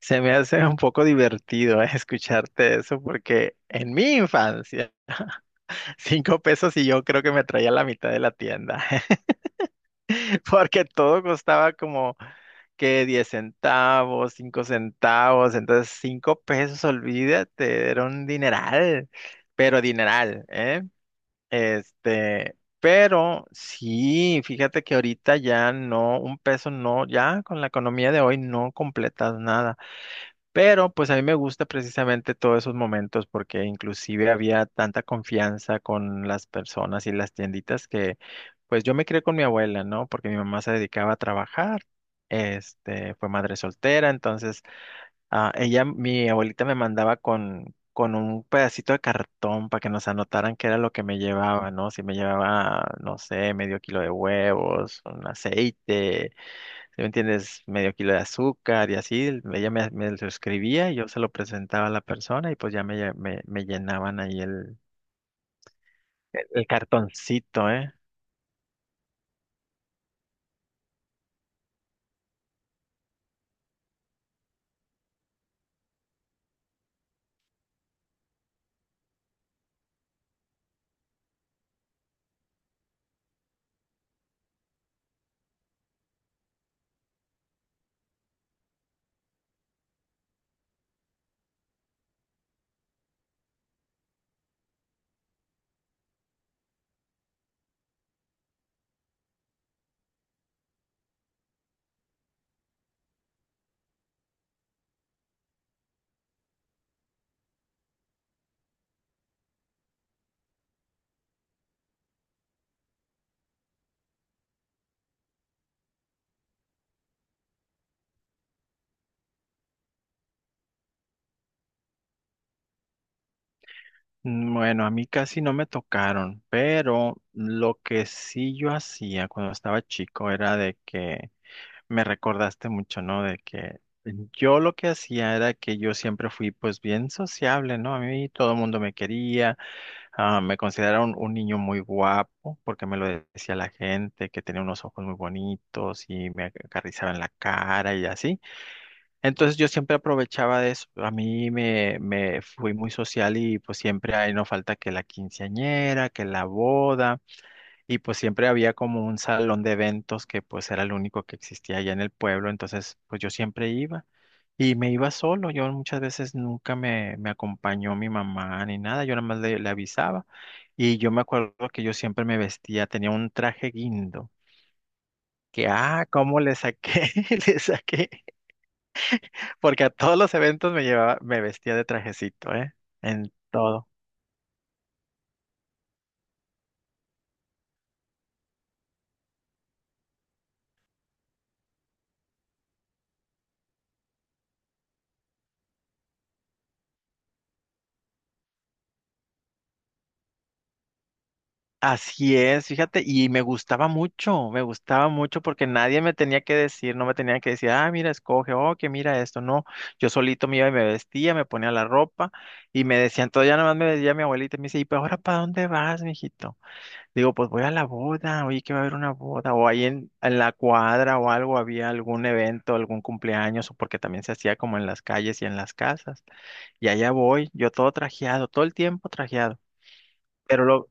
Se me hace un poco divertido escucharte eso porque en mi infancia, 5 pesos y yo creo que me traía la mitad de la tienda, porque todo costaba como que 10 centavos, 5 centavos, entonces 5 pesos, olvídate, era un dineral, pero dineral, ¿eh? Este, pero sí, fíjate que ahorita ya no, 1 peso no, ya con la economía de hoy no completas nada. Pero pues a mí me gusta precisamente todos esos momentos porque inclusive había tanta confianza con las personas y las tienditas que pues yo me crié con mi abuela, ¿no? Porque mi mamá se dedicaba a trabajar, este, fue madre soltera. Entonces, ah, ella, mi abuelita me mandaba con un pedacito de cartón para que nos anotaran qué era lo que me llevaba, ¿no? Si me llevaba, no sé, medio kilo de huevos, un aceite, si me entiendes, medio kilo de azúcar y así, ella me lo escribía y yo se lo presentaba a la persona, y pues ya me llenaban ahí el cartoncito, ¿eh? Mm, bueno, a mí casi no me tocaron, pero lo que sí yo hacía cuando estaba chico era de que me recordaste mucho, ¿no? De que yo lo que hacía era que yo siempre fui pues bien sociable, ¿no? A mí todo el mundo me quería. Ah, me considero un niño muy guapo porque me lo decía la gente, que tenía unos ojos muy bonitos y me acariciaba en la cara y así. Entonces yo siempre aprovechaba de eso. A mí me fui muy social y pues siempre ahí no falta que la quinceañera, que la boda. Y pues siempre había como un salón de eventos que pues era el único que existía allá en el pueblo, entonces pues yo siempre iba y me iba solo, yo muchas veces nunca me acompañó mi mamá ni nada, yo nada más le avisaba. Y yo me acuerdo que yo siempre me vestía, tenía un traje guindo, que, ah, cómo le saqué, le saqué, porque a todos los eventos me llevaba, me vestía de trajecito, ¿eh? En todo. Así es, fíjate, y me gustaba mucho porque nadie me tenía que decir, no me tenía que decir, ah, mira, escoge, oh, que mira esto, no, yo solito me iba y me vestía, me ponía la ropa y me decían, todo ya nada más me decía mi abuelita, y me dice: ¿y pero ahora para dónde vas, mijito? Digo, pues voy a la boda, oye, que va a haber una boda, o ahí en la cuadra o algo había algún evento, algún cumpleaños, o porque también se hacía como en las calles y en las casas, y allá voy, yo todo trajeado, todo el tiempo trajeado. Pero lo,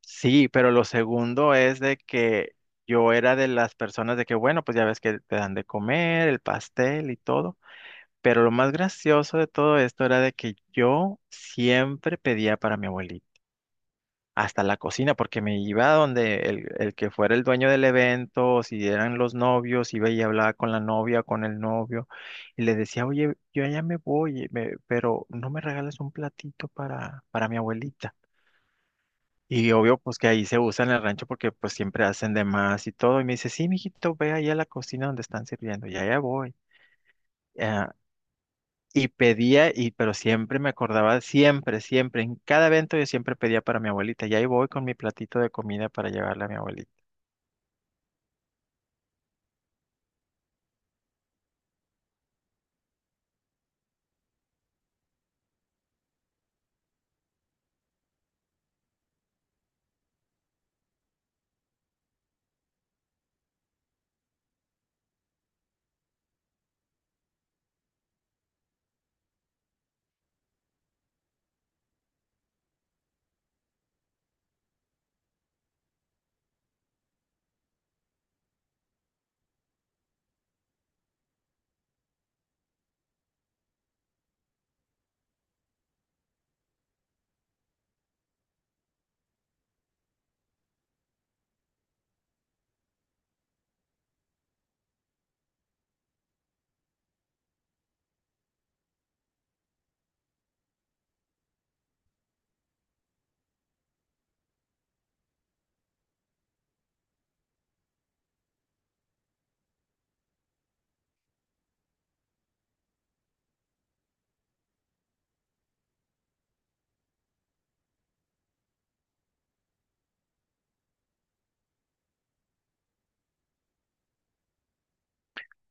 Sí, pero lo segundo es de que yo era de las personas de que, bueno, pues ya ves que te dan de comer, el pastel y todo. Pero lo más gracioso de todo esto era de que yo siempre pedía para mi abuelita, hasta la cocina, porque me iba a donde el que fuera el dueño del evento, o si eran los novios, iba y hablaba con la novia, con el novio, y le decía: oye, yo ya me voy, pero no me regales un platito para, mi abuelita. Y obvio, pues que ahí se usa en el rancho porque pues siempre hacen de más y todo. Y me dice: sí, mijito, ve ahí a la cocina donde están sirviendo. Y allá voy. Ah, y pedía, y pero siempre me acordaba, siempre, siempre, en cada evento yo siempre pedía para mi abuelita. Y ahí voy con mi platito de comida para llevarle a mi abuelita.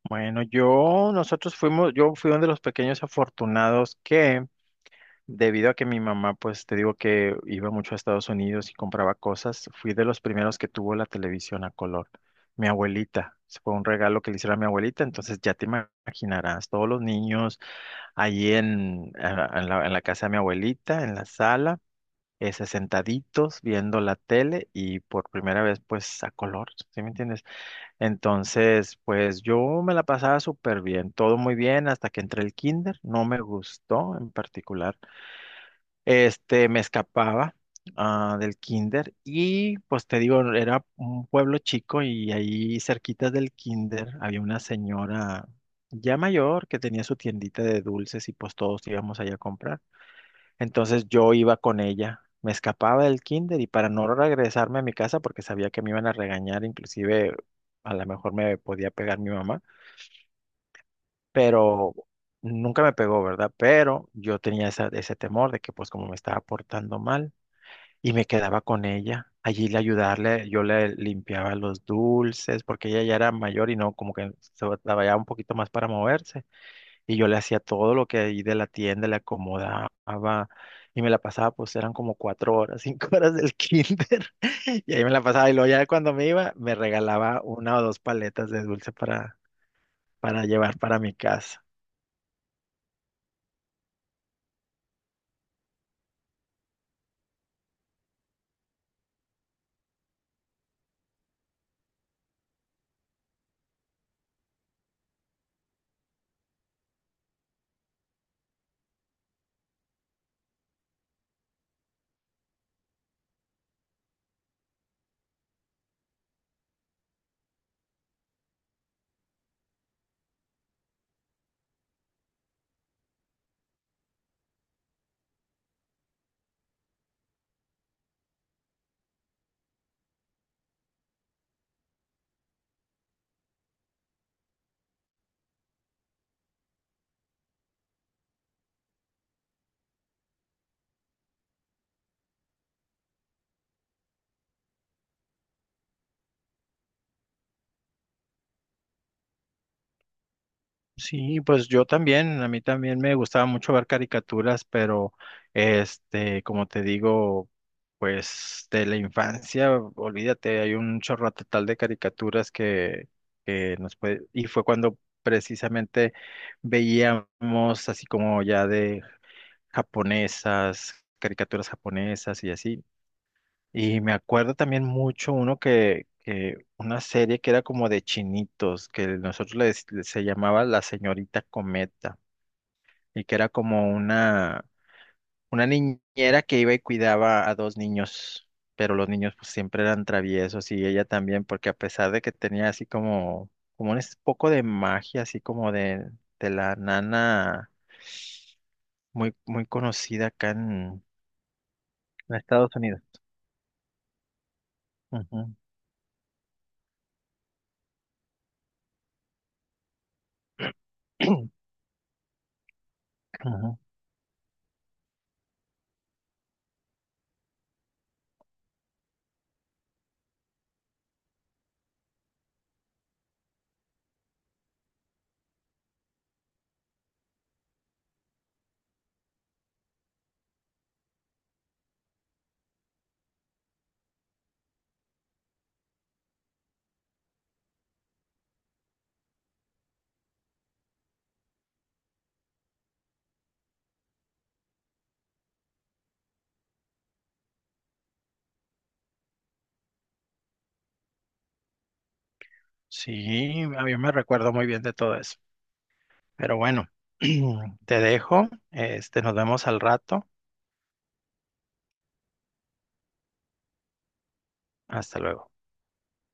Bueno, yo, nosotros fuimos, yo fui uno de los pequeños afortunados que, debido a que mi mamá, pues te digo que iba mucho a Estados Unidos y compraba cosas, fui de los primeros que tuvo la televisión a color. Mi abuelita, se fue un regalo que le hicieron a mi abuelita, entonces ya te imaginarás, todos los niños ahí en la casa de mi abuelita, en la sala, ese, sentaditos viendo la tele y por primera vez pues a color, ¿sí me entiendes? Entonces, pues yo me la pasaba súper bien, todo muy bien hasta que entré el kinder, no me gustó en particular, este, me escapaba, ah, del kinder, y pues te digo, era un pueblo chico y ahí cerquita del kinder había una señora ya mayor que tenía su tiendita de dulces y pues todos íbamos allá a comprar. Entonces yo iba con ella, me escapaba del kinder y para no regresarme a mi casa porque sabía que me iban a regañar, inclusive a lo mejor me podía pegar mi mamá, pero... Nunca me pegó, ¿verdad? Pero yo tenía ese temor de que pues como me estaba portando mal, y me quedaba con ella. Allí le ayudarle, yo le limpiaba los dulces, porque ella ya era mayor y no, como que se batallaba un poquito más para moverse. Y yo le hacía todo lo que ahí de la tienda le acomodaba. Y me la pasaba, pues eran como 4 horas, cinco horas del kinder. Y ahí me la pasaba. Y luego ya cuando me iba, me regalaba una o dos paletas de dulce para llevar para mi casa. Sí, pues yo también, a mí también me gustaba mucho ver caricaturas, pero este, como te digo, pues de la infancia, olvídate, hay un chorro total de caricaturas que nos puede, y fue cuando precisamente veíamos así como ya de japonesas, caricaturas japonesas y así. Y me acuerdo también mucho uno que una serie que era como de chinitos, que nosotros le se llamaba La Señorita Cometa, y que era como una niñera que iba y cuidaba a dos niños, pero los niños pues siempre eran traviesos y ella también, porque a pesar de que tenía así como, como un poco de magia, así como de la nana muy, muy conocida acá en Estados Unidos. Ujú. Ujú. Sí, a mí me recuerdo muy bien de todo eso. Pero bueno, te dejo. Este, nos vemos al rato. Hasta luego.